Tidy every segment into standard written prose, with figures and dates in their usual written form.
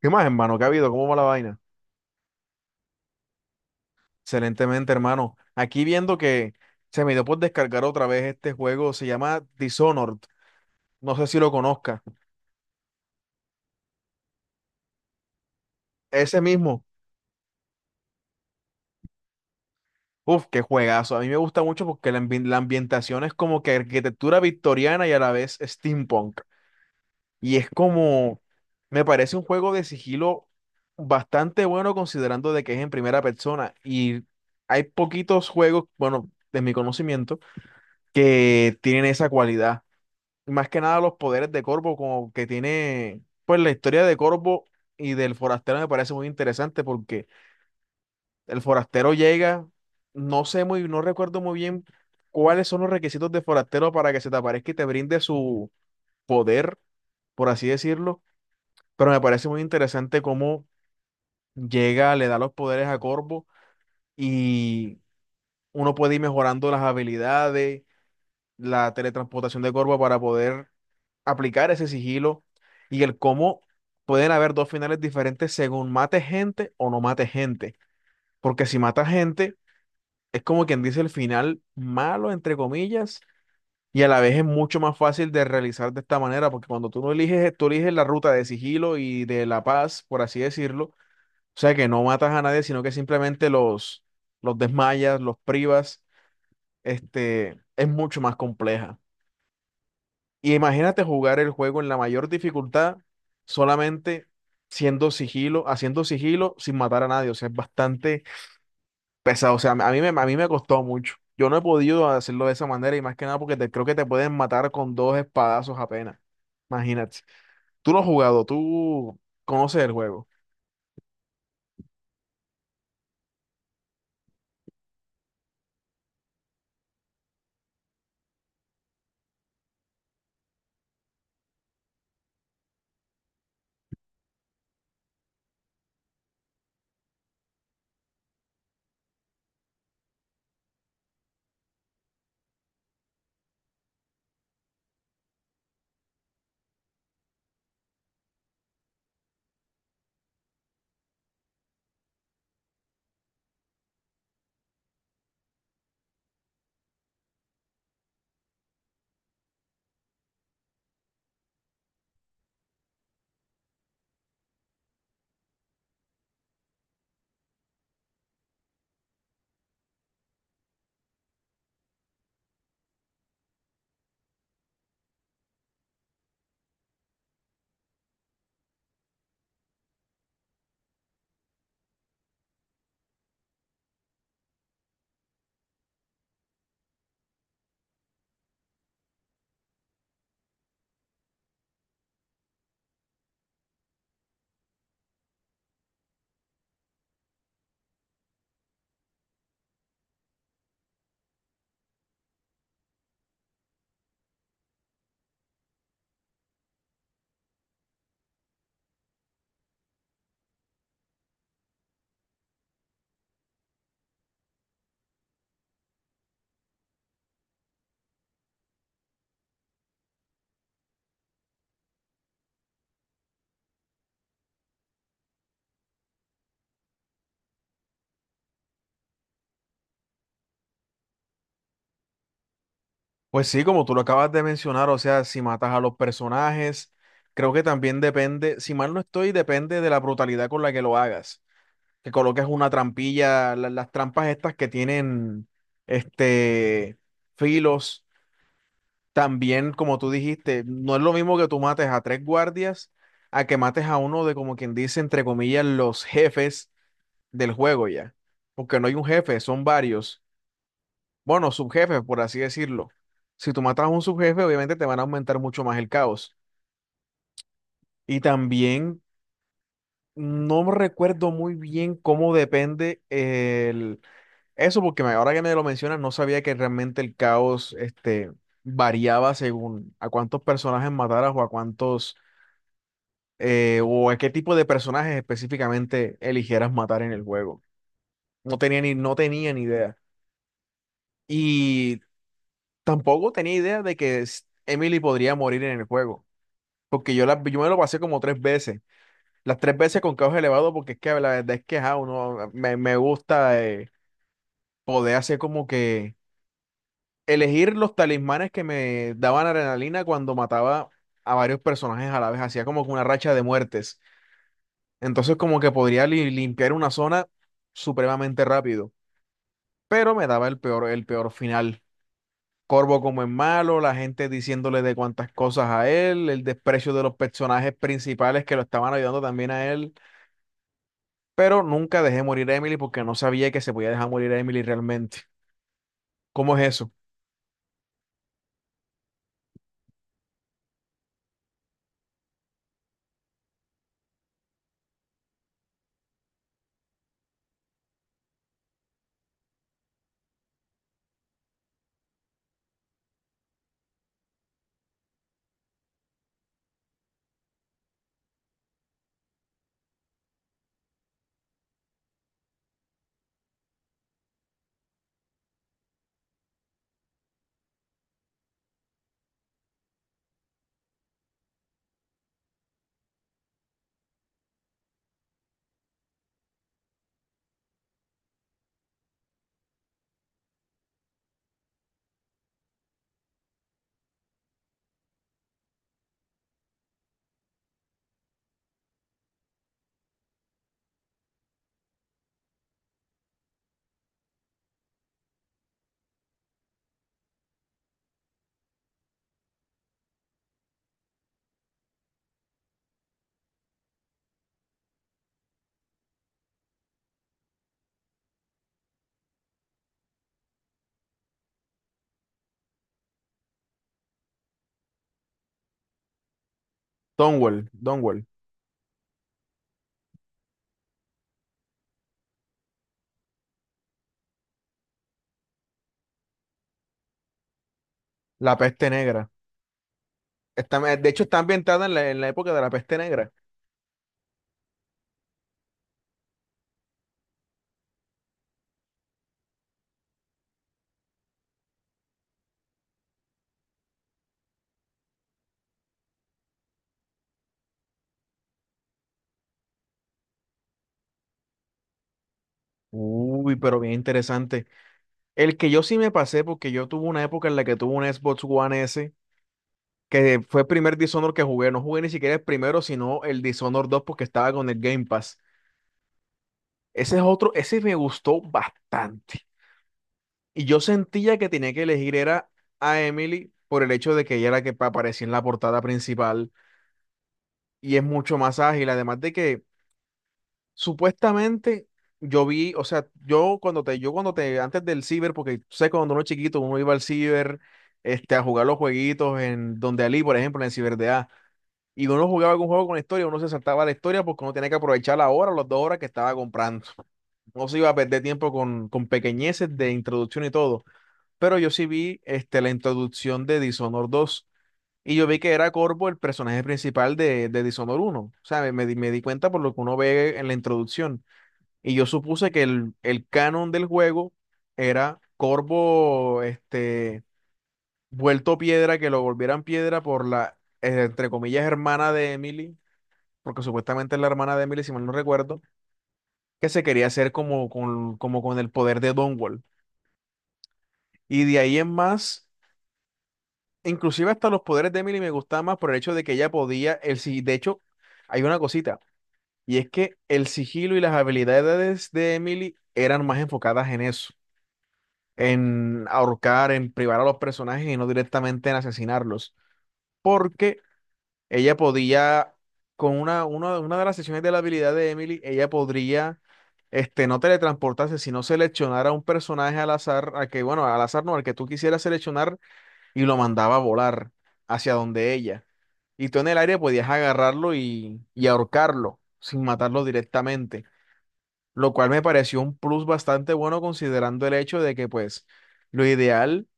¿Qué más, hermano? ¿Qué ha habido? ¿Cómo va la vaina? Excelentemente, hermano. Aquí viendo que se me dio por descargar otra vez este juego, se llama Dishonored. No sé si lo conozca. Ese mismo. Uf, qué juegazo. A mí me gusta mucho porque la ambientación es como que arquitectura victoriana y a la vez steampunk. Y es como, me parece un juego de sigilo bastante bueno considerando de que es en primera persona. Y hay poquitos juegos, bueno, de mi conocimiento, que tienen esa cualidad. Más que nada los poderes de Corvo, como que tiene, pues la historia de Corvo y del forastero me parece muy interesante porque el forastero llega, no recuerdo muy bien cuáles son los requisitos de forastero para que se te aparezca y te brinde su poder, por así decirlo, pero me parece muy interesante cómo llega, le da los poderes a Corvo y uno puede ir mejorando las habilidades, la teletransportación de Corvo para poder aplicar ese sigilo y el cómo pueden haber dos finales diferentes según mate gente o no mate gente. Porque si mata gente, es como quien dice el final malo, entre comillas, y a la vez es mucho más fácil de realizar de esta manera, porque cuando tú no eliges, tú eliges la ruta de sigilo y de la paz, por así decirlo, o sea que no matas a nadie, sino que simplemente los desmayas, los privas, es mucho más compleja. Y imagínate jugar el juego en la mayor dificultad, solamente siendo sigilo, haciendo sigilo sin matar a nadie. O sea, es bastante pesado. O sea, a mí me costó mucho. Yo no he podido hacerlo de esa manera y más que nada porque creo que te pueden matar con dos espadazos apenas. Imagínate. Tú lo has jugado, tú conoces el juego. Pues sí, como tú lo acabas de mencionar, o sea, si matas a los personajes, creo que también depende, si mal no estoy, depende de la brutalidad con la que lo hagas. Que coloques una trampilla, las trampas estas que tienen este filos. También, como tú dijiste, no es lo mismo que tú mates a tres guardias a que mates a uno de, como quien dice, entre comillas, los jefes del juego ya. Porque no hay un jefe, son varios. Bueno, subjefes, por así decirlo. Si tú matas a un subjefe, obviamente te van a aumentar mucho más el caos. Y también no recuerdo muy bien cómo depende el. Eso porque ahora que me lo mencionas, no sabía que realmente el caos este variaba según a cuántos personajes mataras o a cuántos, o a qué tipo de personajes específicamente eligieras matar en el juego. No tenía ni idea. Y tampoco tenía idea de que Emily podría morir en el juego, porque yo me lo pasé como tres veces, las tres veces con caos elevado, porque es que la verdad es que ajá, uno, me gusta poder hacer como que elegir los talismanes que me daban adrenalina cuando mataba a varios personajes a la vez, hacía como que una racha de muertes. Entonces como que podría limpiar una zona supremamente rápido, pero me daba el peor final. Corvo como en malo, la gente diciéndole de cuantas cosas a él, el desprecio de los personajes principales que lo estaban ayudando también a él, pero nunca dejé morir a Emily porque no sabía que se podía dejar morir a Emily realmente. ¿Cómo es eso? Donwell, Donwell, la peste negra. De hecho, está ambientada en en la época de la peste negra. Uy, pero bien interesante. El que yo sí me pasé, porque yo tuve una época en la que tuve un Xbox One S, que fue el primer Dishonored que jugué. No jugué ni siquiera el primero, sino el Dishonored dos porque estaba con el Game Pass. Ese es otro, ese me gustó bastante. Y yo sentía que tenía que elegir era a Emily por el hecho de que ella era la que aparecía en la portada principal y es mucho más ágil. Además de que supuestamente yo vi, o sea, yo cuando te, antes del ciber, porque tú sabes que cuando uno es chiquito, uno iba al ciber, a jugar los jueguitos en donde Ali, por ejemplo, en el ciber de A, y uno jugaba algún juego con historia, uno se saltaba la historia porque uno tenía que aprovechar la hora, las dos horas que estaba comprando. No se iba a perder tiempo con pequeñeces de introducción y todo. Pero yo sí vi, la introducción de Dishonored dos. Y yo vi que era Corvo el personaje principal de Dishonored uno. O sea, me di cuenta por lo que uno ve en la introducción. Y yo supuse que el canon del juego era Corvo, vuelto piedra, que lo volvieran piedra por entre comillas, hermana de Emily, porque supuestamente es la hermana de Emily, si mal no recuerdo, que se quería hacer como con el poder de Dunwall. Y de ahí en más, inclusive hasta los poderes de Emily me gustaban más por el hecho de que ella podía, el, si- de hecho, hay una cosita, y es que el sigilo y las habilidades de Emily eran más enfocadas en eso, en ahorcar, en privar a los personajes y no directamente en asesinarlos. Porque ella podía, con una de las sesiones de la habilidad de Emily, ella podría no teletransportarse, sino seleccionar a un personaje al azar, a que, bueno, al azar no, al que tú quisieras seleccionar y lo mandaba a volar hacia donde ella. Y tú en el aire podías agarrarlo y ahorcarlo sin matarlo directamente, lo cual me pareció un plus bastante bueno considerando el hecho de que pues lo ideal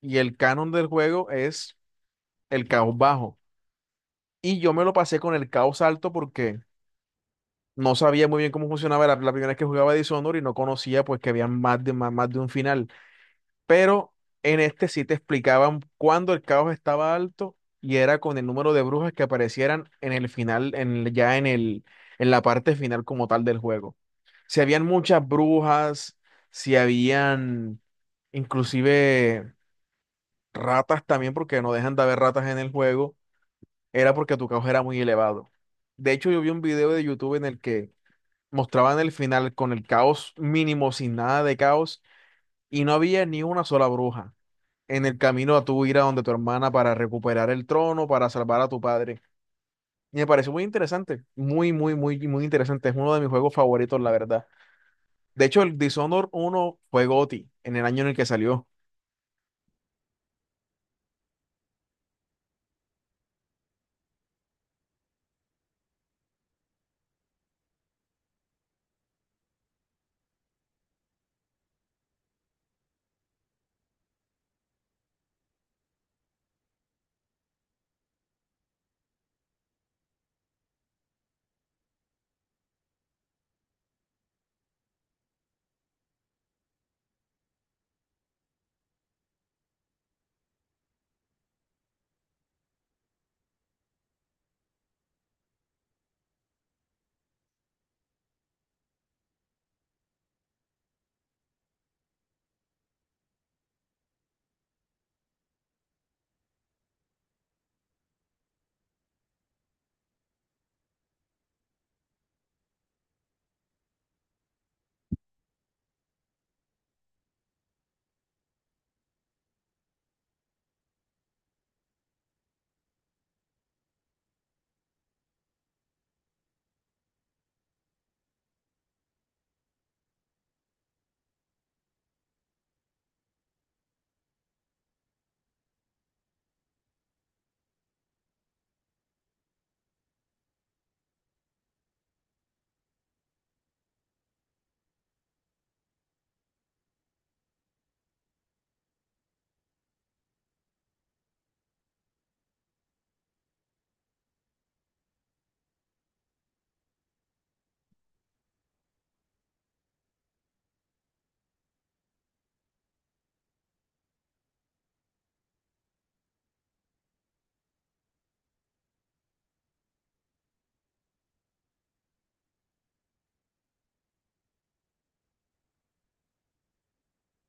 y el canon del juego es el caos bajo. Y yo me lo pasé con el caos alto porque no sabía muy bien cómo funcionaba la primera vez que jugaba Dishonored y no conocía pues que había más de, más de un final. Pero en este sí te explicaban cuándo el caos estaba alto y era con el número de brujas que aparecieran en el final, ya en el, en la parte final como tal del juego. Si habían muchas brujas, si habían inclusive ratas también, porque no dejan de haber ratas en el juego, era porque tu caos era muy elevado. De hecho, yo vi un video de YouTube en el que mostraban el final con el caos mínimo, sin nada de caos, y no había ni una sola bruja en el camino a tu ir a donde tu hermana para recuperar el trono, para salvar a tu padre. Y me pareció muy interesante, muy, muy, muy, muy interesante. Es uno de mis juegos favoritos, la verdad. De hecho, el Dishonored uno fue GOTY en el año en el que salió.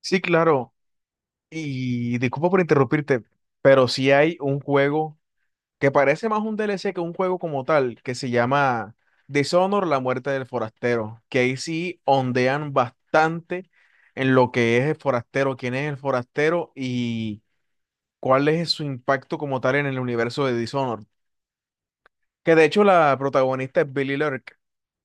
Sí, claro. Y disculpa por interrumpirte, pero si hay un juego que parece más un DLC que un juego como tal, que se llama Dishonor, la muerte del forastero, que ahí sí ondean bastante en lo que es el forastero, quién es el forastero y cuál es su impacto como tal en el universo de Dishonor. Que de hecho la protagonista es Billy Lurk,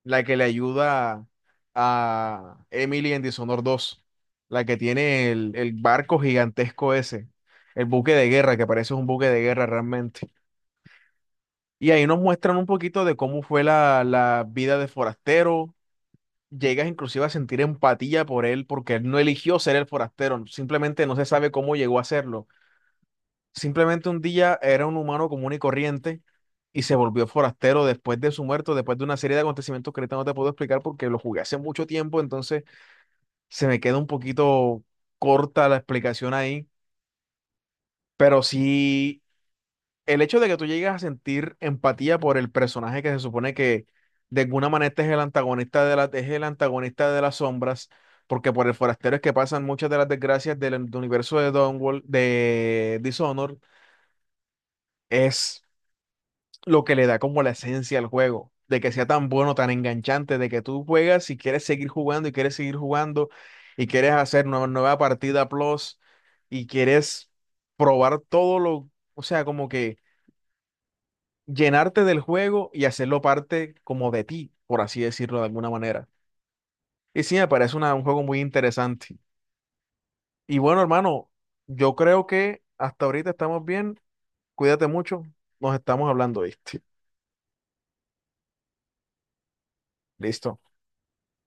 la que le ayuda a Emily en Dishonor dos, la que tiene el barco gigantesco ese, el buque de guerra, que parece un buque de guerra realmente. Y ahí nos muestran un poquito de cómo fue la vida de forastero. Llegas inclusive a sentir empatía por él porque él no eligió ser el forastero, simplemente no se sabe cómo llegó a serlo. Simplemente un día era un humano común y corriente y se volvió forastero después de su muerte, después de una serie de acontecimientos que ahorita no te puedo explicar porque lo jugué hace mucho tiempo, entonces se me queda un poquito corta la explicación ahí, pero sí. El hecho de que tú llegues a sentir empatía por el personaje que se supone que de alguna manera este es el antagonista de es el antagonista de las sombras, porque por el forastero es que pasan muchas de las desgracias del universo de Downworld, de Dishonored, es lo que le da como la esencia al juego, de que sea tan bueno, tan enganchante, de que tú juegas y quieres seguir jugando y quieres seguir jugando y quieres hacer una nueva partida plus y quieres probar todo o sea, como que llenarte del juego y hacerlo parte como de ti, por así decirlo de alguna manera. Y sí, me parece un juego muy interesante. Y bueno, hermano, yo creo que hasta ahorita estamos bien. Cuídate mucho. Nos estamos hablando, ¿viste? Listo.